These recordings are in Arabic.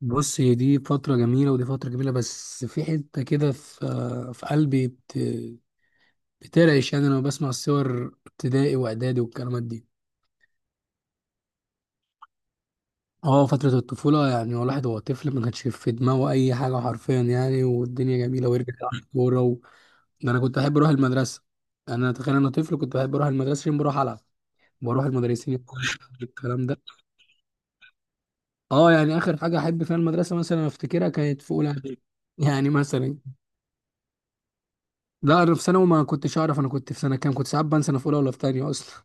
بص، هي دي فترة جميلة ودي فترة جميلة، بس في حتة كده في قلبي بترعش. يعني أنا بسمع الصور ابتدائي وإعدادي والكلمات دي. اه، فترة الطفولة. يعني هو الواحد وهو طفل ما كانش في دماغه أي حاجة، حرفيا يعني، والدنيا جميلة ويرجع يلعب كورة ده أنا كنت بحب أروح المدرسة. يعني أنا تخيل أنا طفل كنت بحب أروح المدرسة عشان بروح ألعب، بروح المدرسين يقولوا لي الكلام ده. اه، يعني آخر حاجة أحب فيها المدرسة مثلا أفتكرها كانت في أولى إعدادي. يعني مثلا، لا انا في ثانوي ما كنتش اعرف انا كنت في سنه كام، كنت ساعات بنسى انا في اولى ولا في تانية اصلا.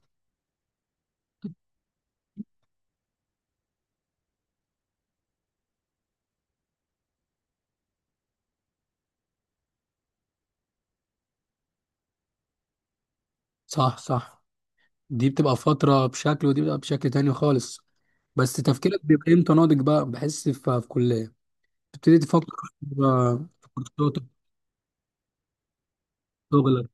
صح صح. دي بتبقى فتره بشكل ودي بتبقى بشكل تاني خالص. بس تفكيرك بيبقى امتى ناضج؟ بقى بحس في كليه تبتدي تفكر بقى في كورساتك، في شغلك.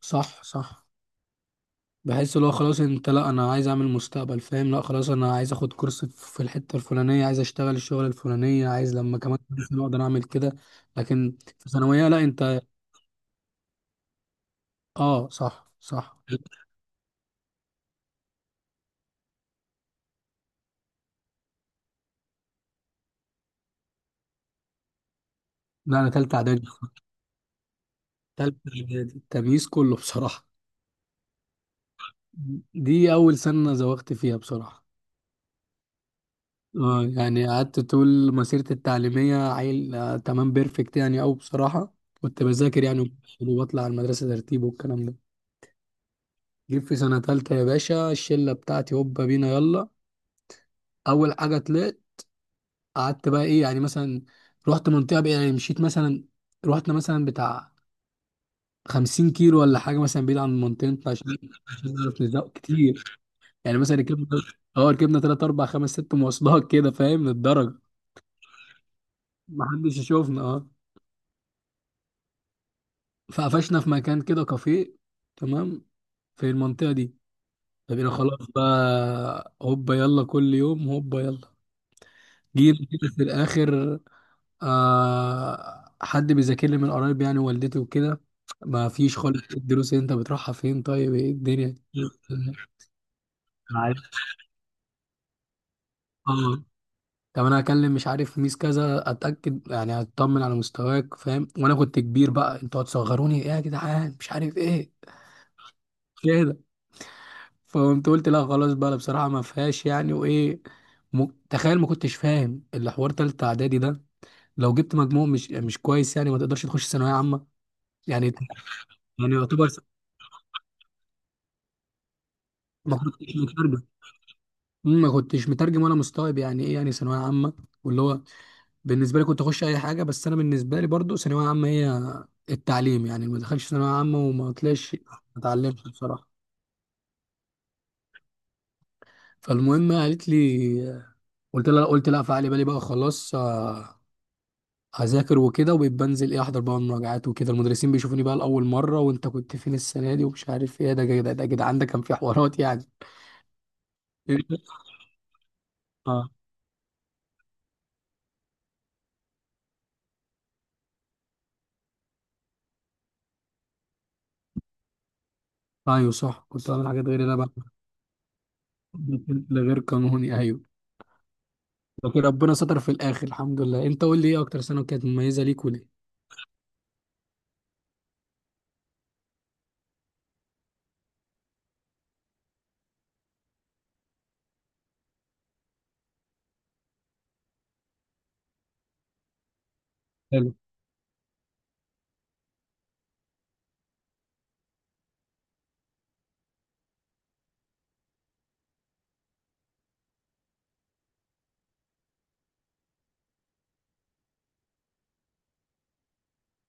صح صح. بحس اللي هو خلاص انت، لا انا عايز اعمل مستقبل، فاهم؟ لا خلاص انا عايز اخد كورس في الحته الفلانيه، عايز اشتغل الشغل الفلانيه، عايز لما كمان سنه اقدر اعمل كده. لكن في ثانويه لا انت. اه صح صح. لا انا تالتة اعدادي. تالتة إعدادي التمييز كله بصراحة. دي أول سنة زوغت فيها بصراحة. اه، يعني قعدت طول مسيرتي التعليمية عيل، آه تمام، بيرفكت يعني أوي بصراحة. كنت بذاكر يعني وبطلع على المدرسة ترتيب والكلام ده. جيت في سنة تالتة يا باشا، الشلة بتاعتي هوبا بينا يلا. أول حاجة طلعت، قعدت بقى إيه يعني، مثلا رحت منطقة بقى يعني، مشيت مثلا، رحنا مثلا بتاع 50 كيلو ولا حاجة، مثلا بعيد عن منطقتنا عشان نعرف نزوغ كتير. يعني مثلا ركبنا، اه ركبنا تلات اربع خمس ست مواصلات كده، فاهم للدرجه، ما حدش يشوفنا، اه. فقفشنا في مكان كده كافيه، تمام، في المنطقه دي. فبقينا خلاص بقى هوبا يلا كل يوم هوبا يلا. جينا كده في الاخر، آه حد بيذاكر لي من قرايب يعني، والدتي وكده، ما فيش خالص، إيه الدروس اللي انت بتروحها؟ فين؟ طيب ايه الدنيا؟ عارف. اه. طب انا هكلم، مش عارف، ميس كذا، اتاكد يعني اطمن على مستواك، فاهم؟ وانا كنت كبير بقى، انتوا هتصغروني ايه يا جدعان، مش عارف ايه كده. فقمت قلت لا خلاص بقى، لا بصراحه ما فيهاش يعني. وايه تخيل ما كنتش فاهم اللي حوار تالتة اعدادي ده. لو جبت مجموع مش كويس يعني ما تقدرش تخش ثانويه عامه يعني يعني ما كنتش مترجم. ما كنتش مترجم ولا مستوعب يعني ايه يعني ثانويه عامه. واللي هو بالنسبه لي كنت اخش اي حاجه، بس انا بالنسبه لي برضو ثانويه عامه هي التعليم. يعني ما دخلش ثانويه عامه وما طلعش ما اتعلمش بصراحه. فالمهم قالت لي، قلت لها فعلي بالي بقى خلاص، آه، هذاكر وكده وبنزل ايه احضر بقى المراجعات وكده. المدرسين بيشوفوني بقى لاول مره، وانت كنت فين السنه دي ومش عارف ايه، ده كده ده كده عندك، كان في حوارات يعني. اه. ايوه صح، كنت بعمل حاجات غير اللي انا بعملها. ده غير قانوني ايوه. لكن ربنا ستر في الاخر، الحمد لله. انت قول لي ايه اكتر سنه كانت مميزه ليك وليه.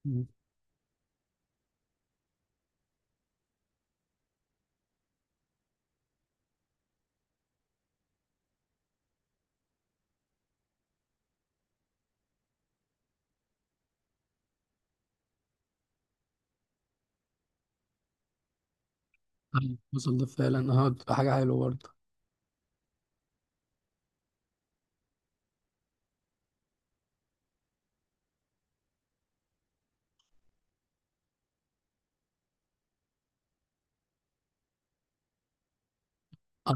مم. أيوة، وصل ده فعلا. اه بتبقى حاجه حلوه برضه. آه،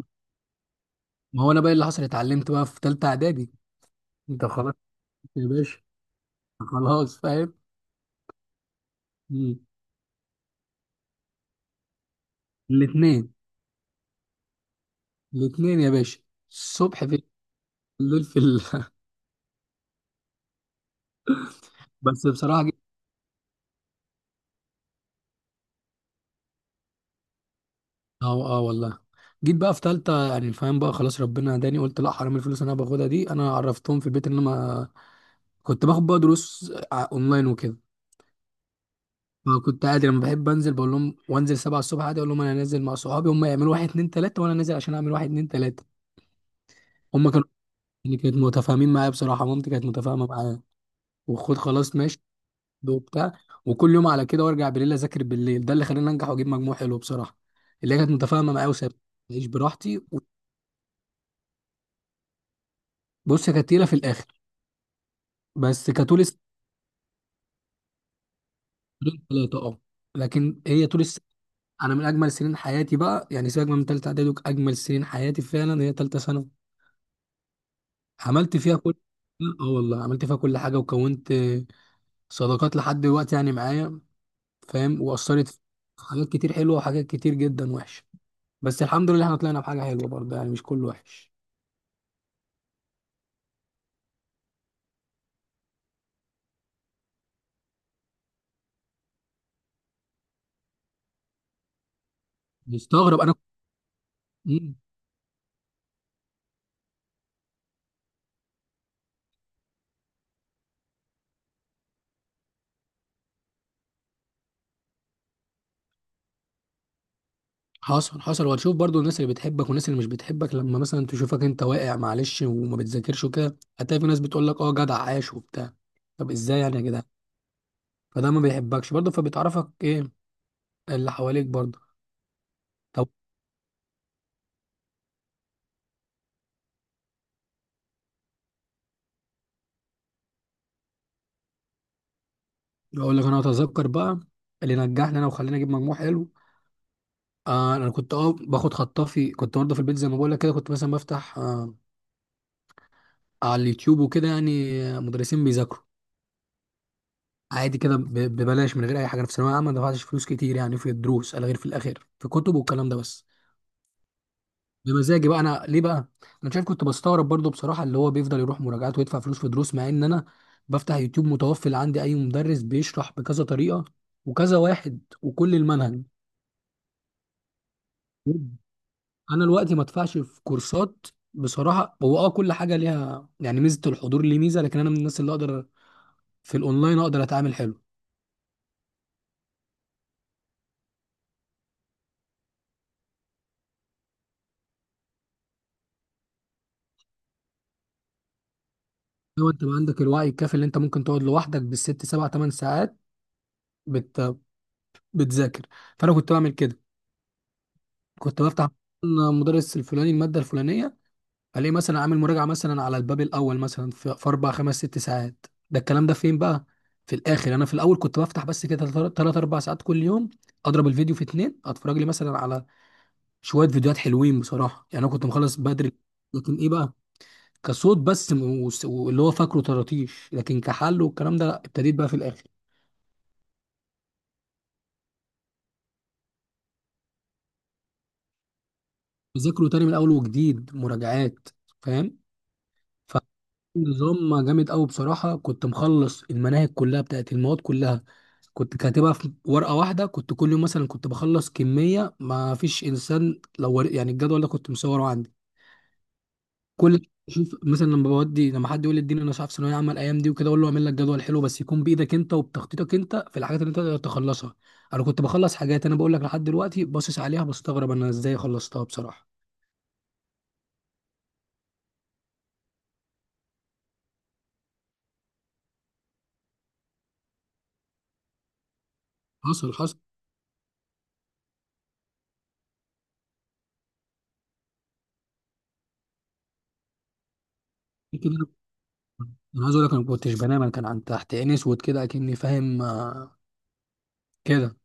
ما هو انا بقى اللي حصل اتعلمت بقى في ثالثه اعدادي. انت خلاص يا باشا. خلاص فاهم. مم. الاثنين. الاثنين يا باشا. الصبح في الليل بس بصراحه جيت. اه اه والله. جيت بقى في ثالثه يعني، فاهم بقى خلاص ربنا هداني، قلت لا حرام الفلوس اللي انا باخدها دي. انا عرفتهم في البيت ان انا كنت باخد بقى دروس اونلاين وكده. فكنت عادي لما بحب انزل بقول لهم، وانزل 7 الصبح عادي اقول لهم انا نازل مع صحابي، هم يعملوا واحد اتنين تلاته وانا نازل عشان اعمل واحد اتنين تلاته. هما كانوا يعني كانت متفاهمين معايا بصراحه، مامتي كانت متفاهمه معايا، وخد خلاص ماشي وبتاع. وكل يوم على كده، وارجع بالليل اذاكر بالليل. ده اللي خلاني انجح واجيب مجموع حلو بصراحه، اللي هي كانت متفاهمه معايا وسابت اعيش براحتي بص هي كانت تقيله في الاخر، بس كطول السنه. ثلاثه اه. لكن هي طول السنه انا من اجمل سنين حياتي بقى، يعني سيبك من ثالثه اعدادي، اجمل سنين حياتي فعلا هي ثالثه ثانوي. عملت فيها كل، اه والله عملت فيها كل حاجه، وكونت صداقات لحد دلوقتي يعني معايا، فاهم، واثرت في حاجات كتير حلوه وحاجات كتير جدا وحشه. بس الحمد لله احنا طلعنا بحاجه حلوه برضه، يعني مش كله وحش. مستغرب انا. مم. حصل حصل، وهتشوف برضو الناس اللي بتحبك والناس اللي مش بتحبك. لما مثلا تشوفك انت واقع، معلش وما بتذاكرش وكده، هتلاقي في ناس بتقول لك اه جدع عاش وبتاع. طب ازاي يعني يا جدع؟ فده ما بيحبكش برضو، فبتعرفك ايه اللي حواليك برضو. طب اقول لك انا اتذكر بقى اللي نجحني انا وخلينا اجيب مجموع حلو. آه انا كنت اه باخد خطافي، كنت برضه في البيت زي ما بقول لك كده، كنت مثلا بفتح آه، على اليوتيوب وكده يعني، مدرسين بيذاكروا عادي كده ببلاش من غير اي حاجه. أنا في ثانويه عامه ما دفعتش فلوس كتير يعني في الدروس، على غير في الاخر في كتب والكلام ده بس. بمزاجي بقى انا، ليه بقى؟ انا شايف كنت بستغرب برضو بصراحه اللي هو بيفضل يروح مراجعات ويدفع فلوس في دروس، مع ان انا بفتح يوتيوب متوفر عندي اي مدرس بيشرح بكذا طريقه وكذا واحد وكل المنهج. انا دلوقتي ما ادفعش في كورسات بصراحه. هو اه كل حاجه ليها يعني ميزه، الحضور ليه ميزه، لكن انا من الناس اللي اقدر في الاونلاين اقدر اتعامل حلو. لو انت ما عندك الوعي الكافي اللي انت ممكن تقعد لوحدك بالست سبع ثمان ساعات بت... بتذاكر. فانا كنت بعمل كده، كنت بفتح مدرس الفلاني الماده الفلانيه، الاقي مثلا عامل مراجعه مثلا على الباب الاول مثلا في 4 5 6 ساعات، ده الكلام ده فين بقى؟ في الاخر، انا في الاول كنت بفتح بس كده 3 4 ساعات كل يوم، اضرب الفيديو في 2، اتفرج لي مثلا على شويه فيديوهات حلوين بصراحه، يعني انا كنت مخلص بدري. لكن ايه بقى؟ كصوت بس واللي هو فاكره طراطيش، لكن كحل والكلام ده لا، ابتديت بقى في الاخر ذاكره تاني من اول وجديد مراجعات، فاهم. فنظام جامد قوي بصراحه، كنت مخلص المناهج كلها بتاعت المواد كلها، كنت كاتبها في ورقه واحده. كنت كل يوم مثلا كنت بخلص كميه ما فيش انسان، لو يعني الجدول ده كنت مصوره عندي كل، شوف مثلا لما بودي لما حد يقول لي اديني انا مش عارف ثانويه عامه الايام دي وكده، اقول له اعمل لك جدول حلو بس يكون بايدك انت وبتخطيطك انت في الحاجات اللي انت تقدر تخلصها. انا كنت بخلص حاجات انا بقول لك لحد دلوقتي باصص عليها بستغرب انا ازاي خلصتها بصراحه. حصل حصل كده. انا عايز اقول لك انا ما كنتش بنام، انا كان عن تحت عيني اسود كده اكني، فاهم، آه، كده.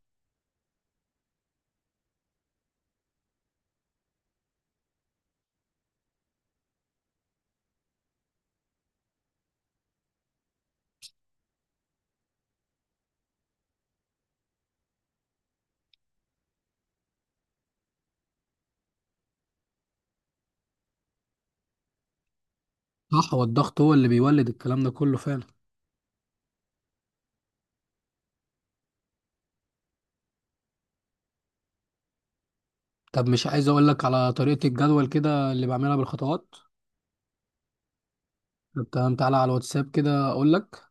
صح، هو الضغط هو اللي بيولد الكلام ده كله فعلا. طب مش عايز اقول لك على طريقة الجدول كده اللي بعملها بالخطوات؟ طب تمام، تعالى على الواتساب كده اقول لك.